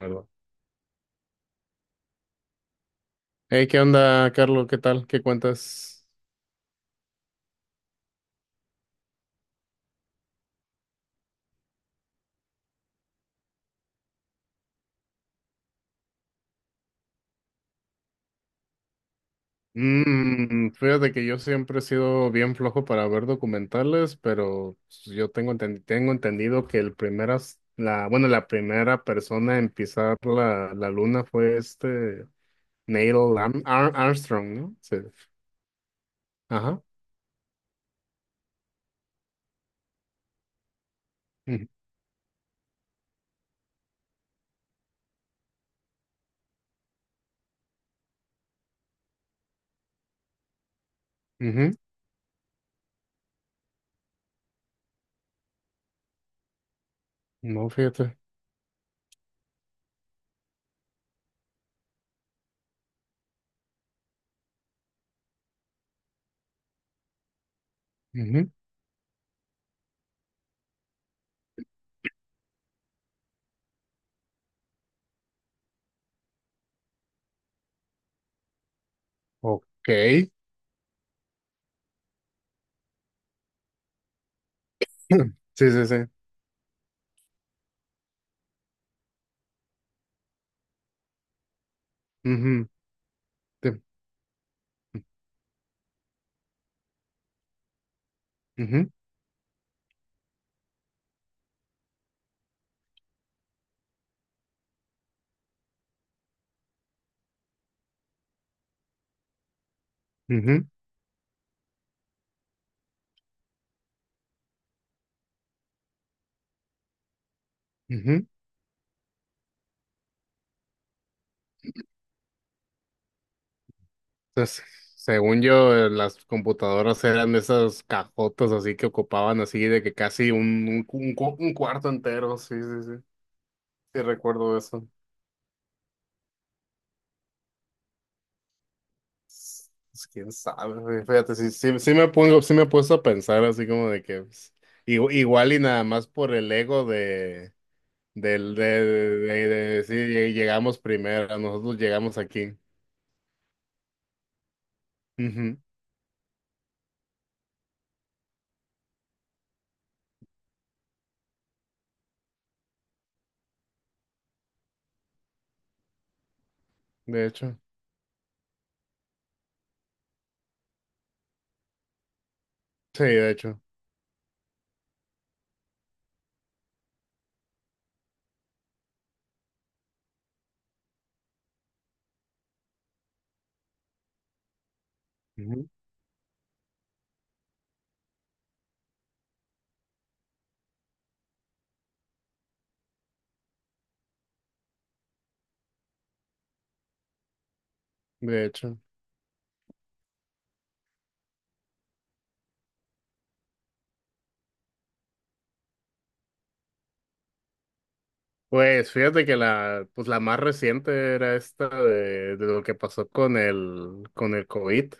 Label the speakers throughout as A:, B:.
A: ¿Verdad? Hey, ¿qué onda, Carlos? ¿Qué tal? ¿Qué cuentas? Fíjate que yo siempre he sido bien flojo para ver documentales, pero pues, tengo entendido que el primera, la, bueno, la primera persona en pisar la luna fue Neil Armstrong, ¿no? Sí. Ajá. Ujú, ujú. No, fíjate. Ujú. Ok. Sí, sí, sí. Ujú, sí. Ujú, ujú, ujú. Entonces, según yo, las computadoras eran esas cajotas así que ocupaban así de que casi un cuarto entero, sí, sí, sí, sí recuerdo eso. Pues, quién sabe, güey, fíjate, sí, sí, sí, sí me he puesto a pensar así como de que pues, igual y nada más por el ego de, del, de decir: Llegamos primero, nosotros llegamos aquí". Ujú, de hecho, sí, de hecho. Ujú. De hecho. Pues fíjate que la más reciente era esta de lo que pasó con el COVID,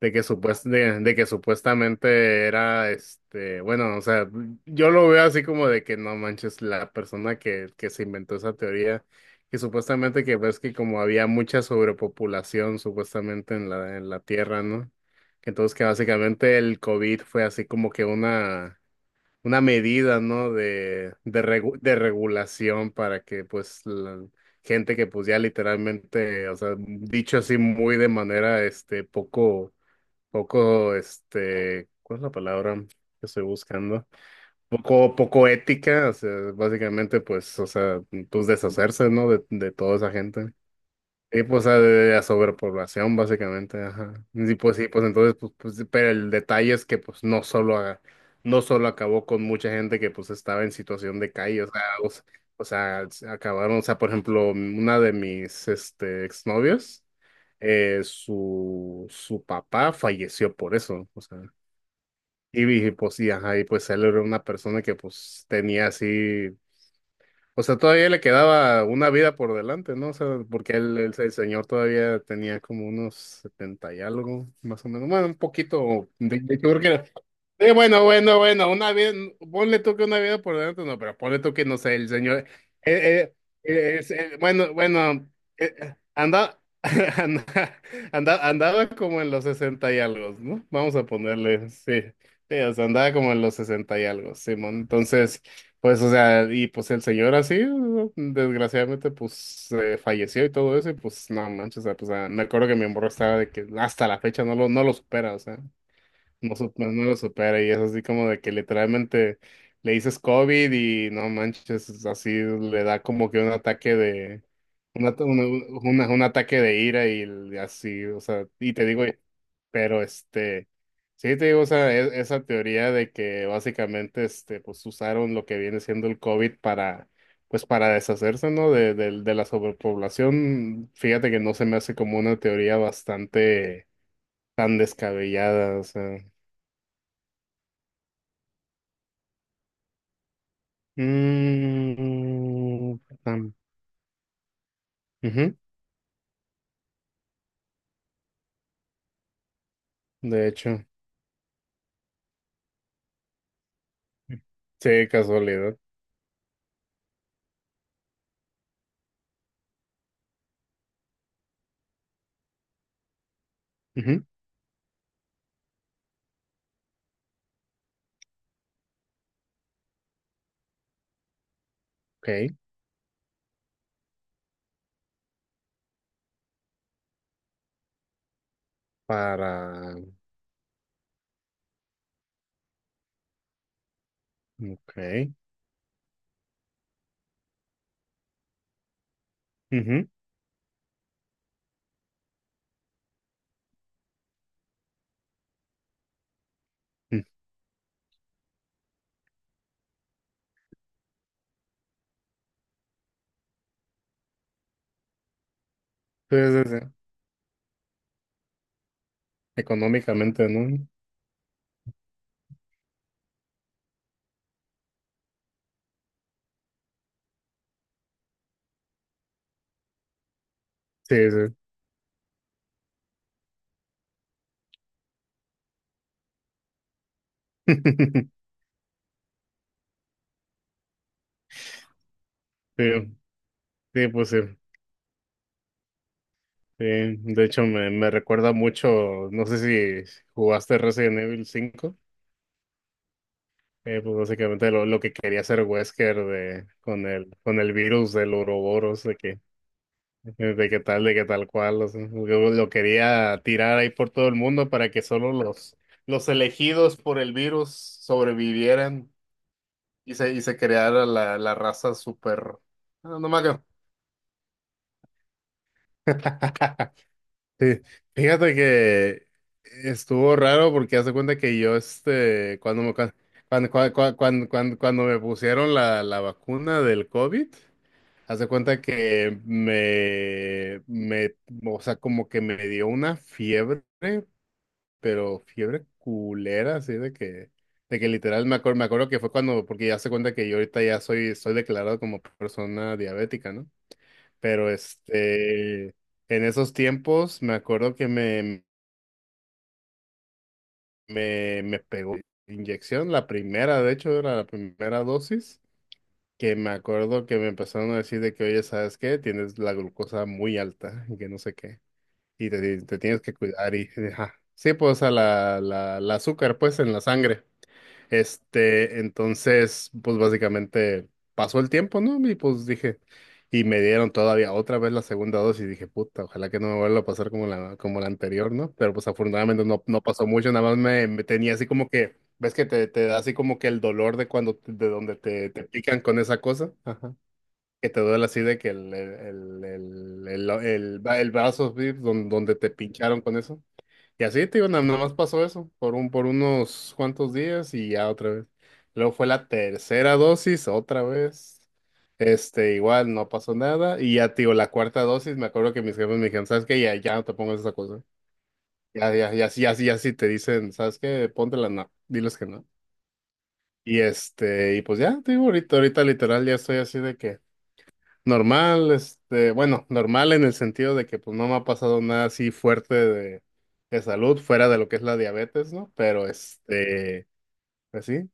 A: de que supuestamente era bueno, o sea, yo lo veo así como de que no manches, la persona que se inventó esa teoría, que supuestamente, que ves que como había mucha sobrepopulación supuestamente en la Tierra, ¿no? Que entonces que básicamente el COVID fue así como que una medida, ¿no? De regulación para que, pues, la gente que, pues, ya literalmente, o sea, dicho así muy de manera, poco, poco, ¿cuál es la palabra que estoy buscando? Poco, poco ética, o sea, básicamente, pues, o sea, pues, deshacerse, ¿no? De toda esa gente. Sí, pues, o sea, de la sobrepoblación, básicamente, ajá. Sí, pues entonces, pues, sí, pero el detalle es que, pues, no solo, no solo acabó con mucha gente que, pues, estaba en situación de calle, o sea, o sea, acabaron, o sea, por ejemplo, una de mis, exnovios, su papá falleció por eso, o sea, y, pues, sí, ajá, y pues él era una persona que, pues, tenía así, o sea, todavía le quedaba una vida por delante, ¿no? O sea, porque el señor todavía tenía como unos 70 y algo, más o menos. Bueno, un poquito, yo creo que era- bueno, bueno, bueno, una vida, ponle tú que una vida por delante, no, pero ponle tú que, no sé, el señor, eh, bueno, bueno, anda, anda- andaba como en los 60 y algo, ¿no? Vamos a ponerle, sí, sí, o sea, andaba como en los 60 y algo, Simón. Pues, o sea, y pues el señor así, ¿no? Desgraciadamente, pues falleció y todo eso, y pues no manches, o sea, pues, ah, me acuerdo que mi morro estaba de que hasta la fecha no lo supera, o sea, no lo supera y es así como de que literalmente le dices COVID y no manches, es así, le da como que un ataque de, un, at- una- un ataque de ira y así, o sea, y te digo, pero sí te digo, o sea, esa teoría de que básicamente, pues usaron lo que viene siendo el COVID para, pues para deshacerse, ¿no? De, del, de la sobrepoblación, fíjate que no se me hace como una teoría bastante tan descabellada, o sea. Mm. tam- ujú. De hecho, sí, casualidad. Ujú. Ok. para, ok, ujú, mm, sí, sí, sí. Económicamente, ¿no? Sí, sí. Sí, sí, pues sí. Sí, de hecho me recuerda mucho, no sé si jugaste Resident Evil cinco, pues básicamente lo que quería hacer Wesker de, con el virus del Ouroboros, de que... De qué tal cual, o sea, yo lo quería tirar ahí por todo el mundo para que solo los elegidos por el virus sobrevivieran y se creara la raza super... No, no me acuerdo. Sí, fíjate que estuvo raro porque hace cuenta que yo, cuando me, cuando, cuando, cua- cua- cuando, cuando me pusieron la vacuna del COVID, haz de cuenta que o sea, como que me dio una fiebre, pero fiebre culera, así de que, literal me acuerdo que fue cuando, porque ya se cuenta que yo ahorita ya soy, estoy declarado como persona diabética, ¿no? Pero en esos tiempos me acuerdo que me pegó inyección, la primera, de hecho, era la primera dosis. Que me acuerdo que me empezaron a decir de que, oye, ¿sabes qué? Tienes la glucosa muy alta y que no sé qué. Y te tienes que cuidar y, ajá. Sí, pues, a la azúcar, pues, en la sangre. Entonces, pues básicamente pasó el tiempo, ¿no? Y pues dije, y me dieron todavía otra vez la segunda dosis y dije, puta, ojalá que no me vuelva a pasar como la anterior, ¿no? Pero pues afortunadamente no pasó mucho, nada más me tenía así como que, ves que te da así como que el dolor de cuando, de donde te pican con esa cosa, ajá. Que te duele así de que el brazo, ¿sí? Donde te pincharon con eso. Y así, te digo, nada más pasó eso por por unos cuantos días y ya otra vez. Luego fue la tercera dosis, otra vez. Este, igual no pasó nada. Y ya, te digo, la cuarta dosis, me acuerdo que mis jefes me dijeron, ¿sabes qué? Ya, ya no te pongas esa cosa. Ya, ya, ya, sí, ya, sí, ya, sí te dicen, ¿sabes qué? Póntela, no, diles que no. Y pues ya, te digo, ahorita, ahorita literal ya estoy así de que... Normal, bueno, normal en el sentido de que pues no me ha pasado nada así fuerte de salud fuera de lo que es la diabetes, ¿no? Pero así...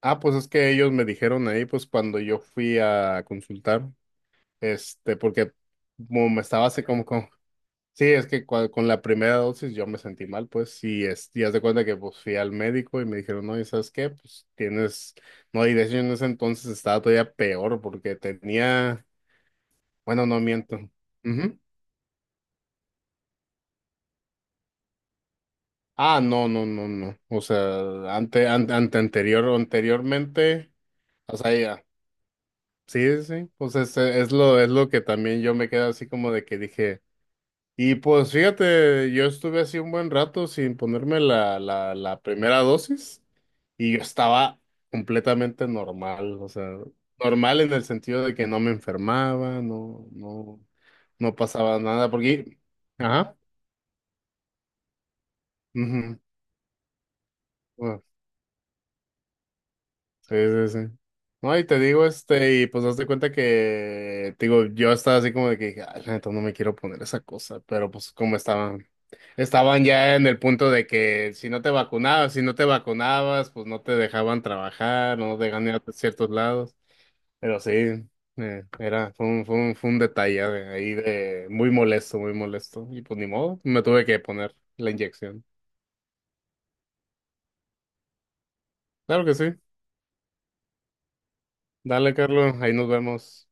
A: Ah, pues es que ellos me dijeron ahí, pues cuando yo fui a consultar, este, porque como me estaba así como con, sí, es que con la primera dosis yo me sentí mal, pues, y es, y haz de cuenta que pues fui al médico y me dijeron, no, ¿y sabes qué? Pues tienes, no, y de hecho en ese entonces estaba todavía peor porque tenía, bueno, no miento. Ah, no, no, no, no. O sea, anteriormente, o sea, ya, sí, sí, sí. Pues es, es lo que también yo me quedo así como de que dije, y pues fíjate, yo estuve así un buen rato sin ponerme la primera dosis y yo estaba completamente normal, o sea, normal en el sentido de que no me enfermaba, no, no, no pasaba nada, porque, ajá, ujú, bueno. Sí, sí, sí. No, y te digo, y pues hazte cuenta que, te digo, yo estaba así como de que, dije, ay, la neta, no me quiero poner esa cosa, pero pues como estaban, ya en el punto de que si no te vacunabas, si no te vacunabas, pues no te dejaban trabajar, no te dejaban ir a ciertos lados, pero sí, fue un detalle de ahí de muy molesto, y pues ni modo, me tuve que poner la inyección. Claro que sí, dale, Carlos, ahí nos vemos.